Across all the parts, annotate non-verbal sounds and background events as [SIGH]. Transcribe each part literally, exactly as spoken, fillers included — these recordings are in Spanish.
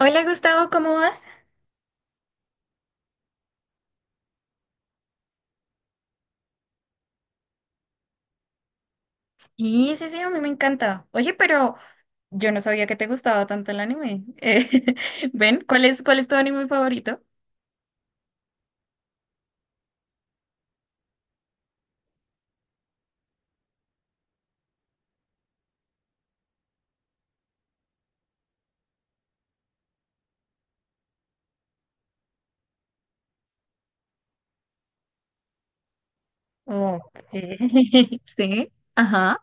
Hola, Gustavo, ¿cómo vas? Sí, sí, sí, a mí me encanta. Oye, pero yo no sabía que te gustaba tanto el anime. Eh, [LAUGHS] ven, ¿cuál es, ¿cuál es tu anime favorito? Ok, [LAUGHS] sí, ajá,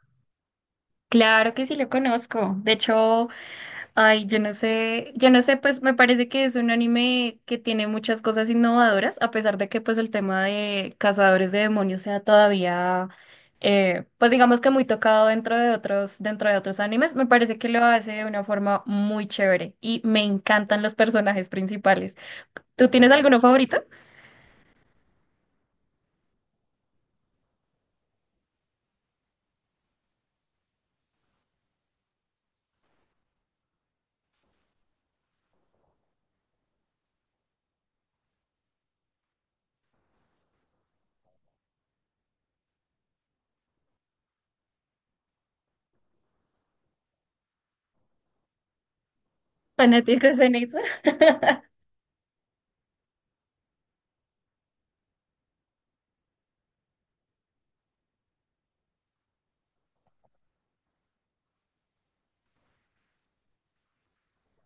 claro que sí lo conozco. De hecho, ay, yo no sé, yo no sé, pues me parece que es un anime que tiene muchas cosas innovadoras, a pesar de que pues el tema de cazadores de demonios sea todavía, eh, pues digamos que muy tocado dentro de otros, dentro de otros animes. Me parece que lo hace de una forma muy chévere y me encantan los personajes principales. ¿Tú tienes alguno favorito? Fanáticos en eso.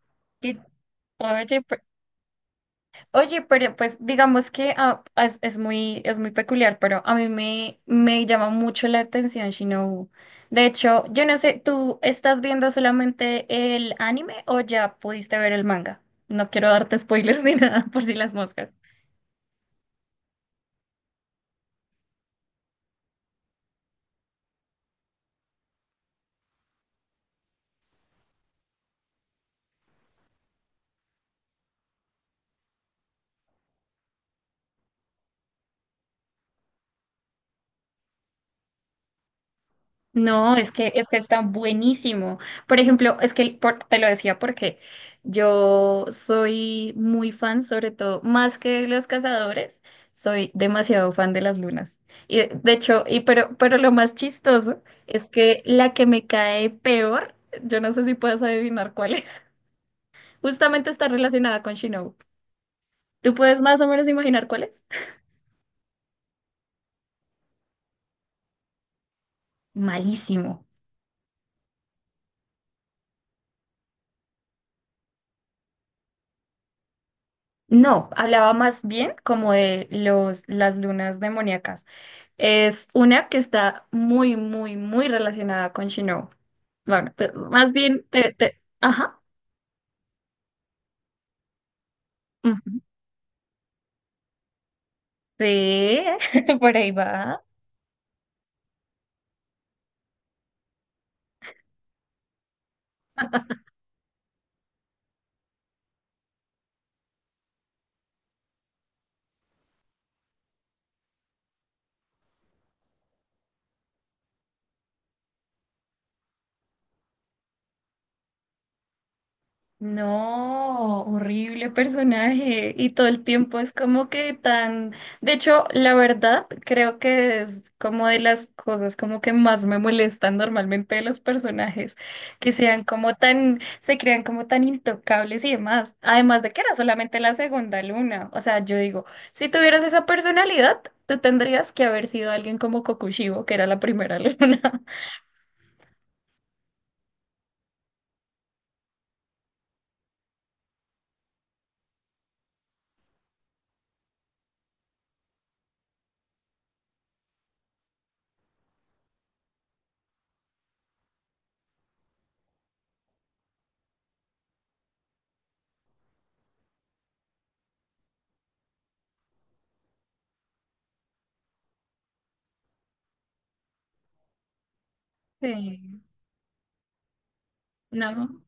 [LAUGHS] Qué. Oye, pero pues digamos que ah, es, es muy, es muy peculiar, pero a mí me, me llama mucho la atención Shinobu. De hecho, yo no sé, ¿tú estás viendo solamente el anime o ya pudiste ver el manga? No quiero darte spoilers [LAUGHS] ni nada por si las moscas. No, es que, es que está buenísimo. Por ejemplo, es que por- te lo decía porque yo soy muy fan, sobre todo, más que de los cazadores, soy demasiado fan de las lunas. Y de de hecho, y pero, pero lo más chistoso es que la que me cae peor, yo no sé si puedes adivinar cuál es. [LAUGHS] Justamente está relacionada con Shinobu. ¿Tú puedes más o menos imaginar cuál es? Malísimo. No, hablaba más bien como de los, las lunas demoníacas. Es una que está muy, muy, muy relacionada con Shinobu. Bueno, pues, más bien, te, te- ajá. Ujú. Sí, [LAUGHS] por ahí va. No, horrible personaje. Y todo el tiempo es como que tan... De hecho, la verdad, creo que es como de las cosas como que más me molestan normalmente de los personajes, que sean como tan, se crean como tan intocables y demás. Además de que era solamente la segunda luna. O sea, yo digo, si tuvieras esa personalidad, tú tendrías que haber sido alguien como Kokushibo, que era la primera luna. [LAUGHS] Sí, no.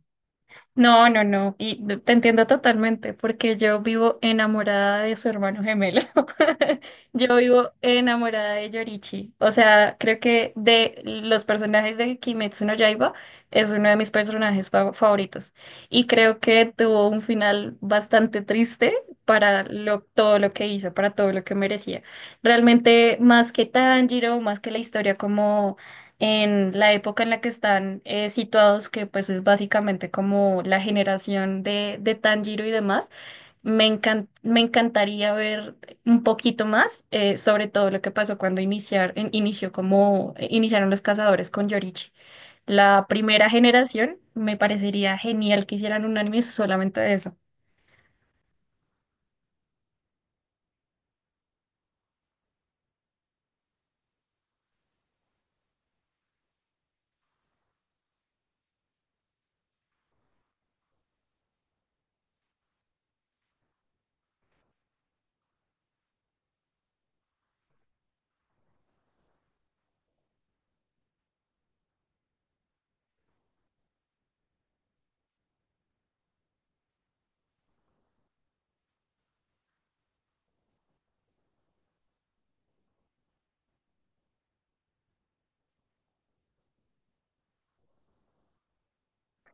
No, no, no. Y te entiendo totalmente, porque yo vivo enamorada de su hermano gemelo. [LAUGHS] Yo vivo enamorada de Yorichi. O sea, creo que de los personajes de Kimetsu no Yaiba es uno de mis personajes fa- favoritos. Y creo que tuvo un final bastante triste para lo, todo lo que hizo, para todo lo que merecía. Realmente, más que Tanjiro, más que la historia como en la época en la que están eh, situados, que pues es básicamente como la generación de, de Tanjiro y demás. Me encan- me encantaría ver un poquito más, eh, sobre todo lo que pasó cuando iniciar, en- inició como, eh, iniciaron los cazadores con Yorichi. La primera generación, me parecería genial que hicieran un anime solamente de eso.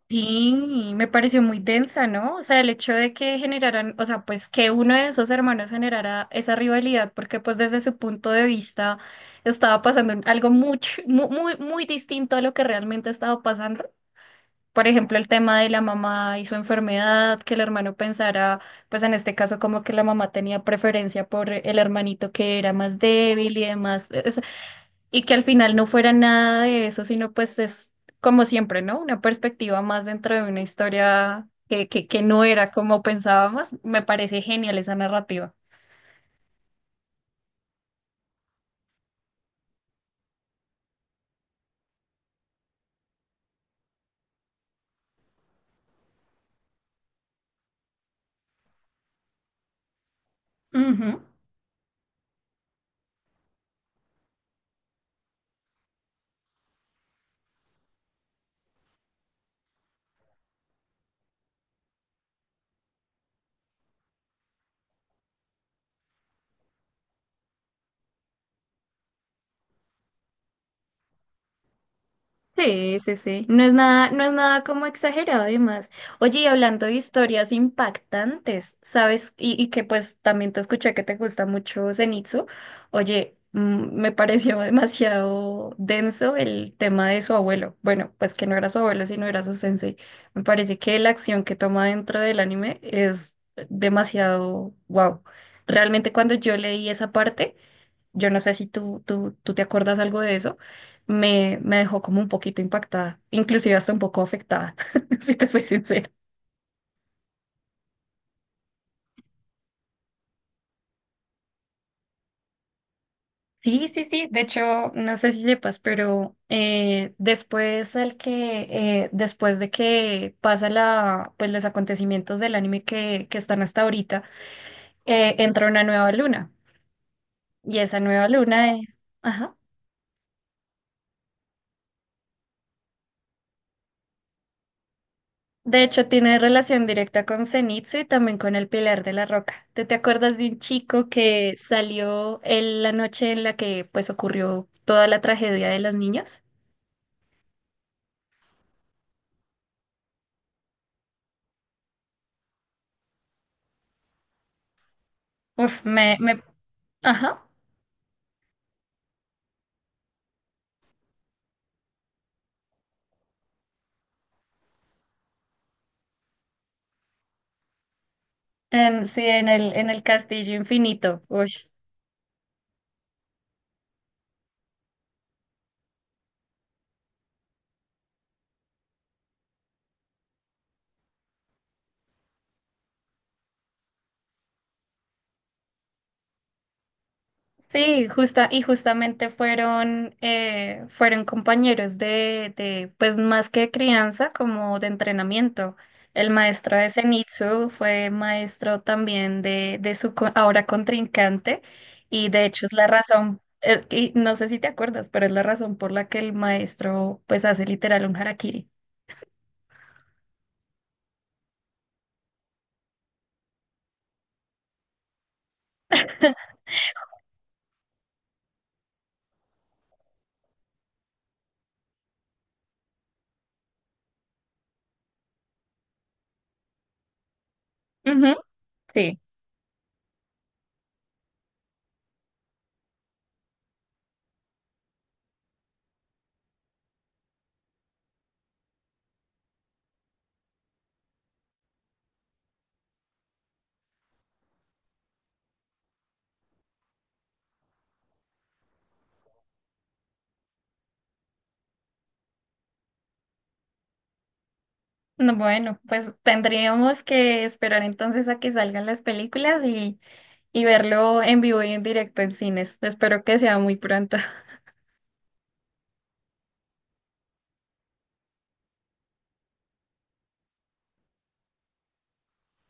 Sí, me pareció muy densa, ¿no? O sea, el hecho de que generaran, o sea, pues que uno de esos hermanos generara esa rivalidad, porque pues desde su punto de vista estaba pasando algo mucho, muy, muy, muy distinto a lo que realmente estaba pasando. Por ejemplo, el tema de la mamá y su enfermedad, que el hermano pensara, pues en este caso como que la mamá tenía preferencia por el hermanito que era más débil y demás. Y que al final no fuera nada de eso, sino pues es como siempre, ¿no? Una perspectiva más dentro de una historia que, que, que no era como pensábamos. Me parece genial esa narrativa. Ujú. Sí, sí, sí. No es nada, no es nada como exagerado además. Oye, y hablando de historias impactantes, ¿sabes? Y, y que pues también te escuché que te gusta mucho Zenitsu. Oye, mm, me [LAUGHS] pareció demasiado denso el tema de su abuelo. Bueno, pues que no era su abuelo, sino era su sensei. Me parece que la acción que toma dentro del anime es demasiado wow. Realmente cuando yo leí esa parte yo no sé si tú, tú, tú te acuerdas algo de eso, me, me dejó como un poquito impactada, inclusive hasta un poco afectada, [LAUGHS] si te soy sincera. Sí, sí, sí, de hecho, no sé si sepas, pero eh, después el que, eh, después de que pasa la, pues los acontecimientos del anime que, que están hasta ahorita, eh, entra una nueva luna, y esa nueva luna, eh, ajá. De hecho, tiene relación directa con Zenitsu y también con el Pilar de la Roca. ¿Tú te acuerdas de un chico que salió en la noche en la que pues ocurrió toda la tragedia de los niños? Uf, me, me, ajá. En, sí, en el, en el Castillo Infinito. Uy. Sí, justa, y justamente fueron, eh, fueron compañeros de, de, pues más que crianza, como de entrenamiento. El maestro de Zenitsu fue maestro también de, de su co- ahora contrincante, y de hecho es la razón, eh, y no sé si te acuerdas, pero es la razón por la que el maestro pues hace literal un harakiri. Ujú, sí. No, bueno, pues tendríamos que esperar entonces a que salgan las películas. Y y verlo en vivo y en directo en cines. Espero que sea muy pronto. [LAUGHS]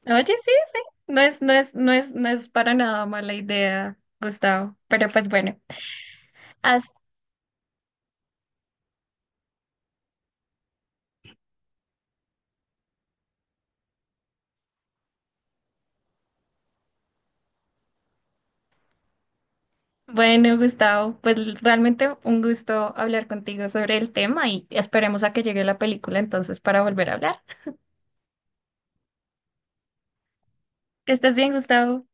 Oye, sí, sí, no es, no es, no es, no es para nada mala idea, Gustavo. Pero pues bueno, haz- bueno, Gustavo, pues l- realmente un gusto hablar contigo sobre el tema y esperemos a que llegue la película entonces para volver a hablar. Que estés bien, Gustavo.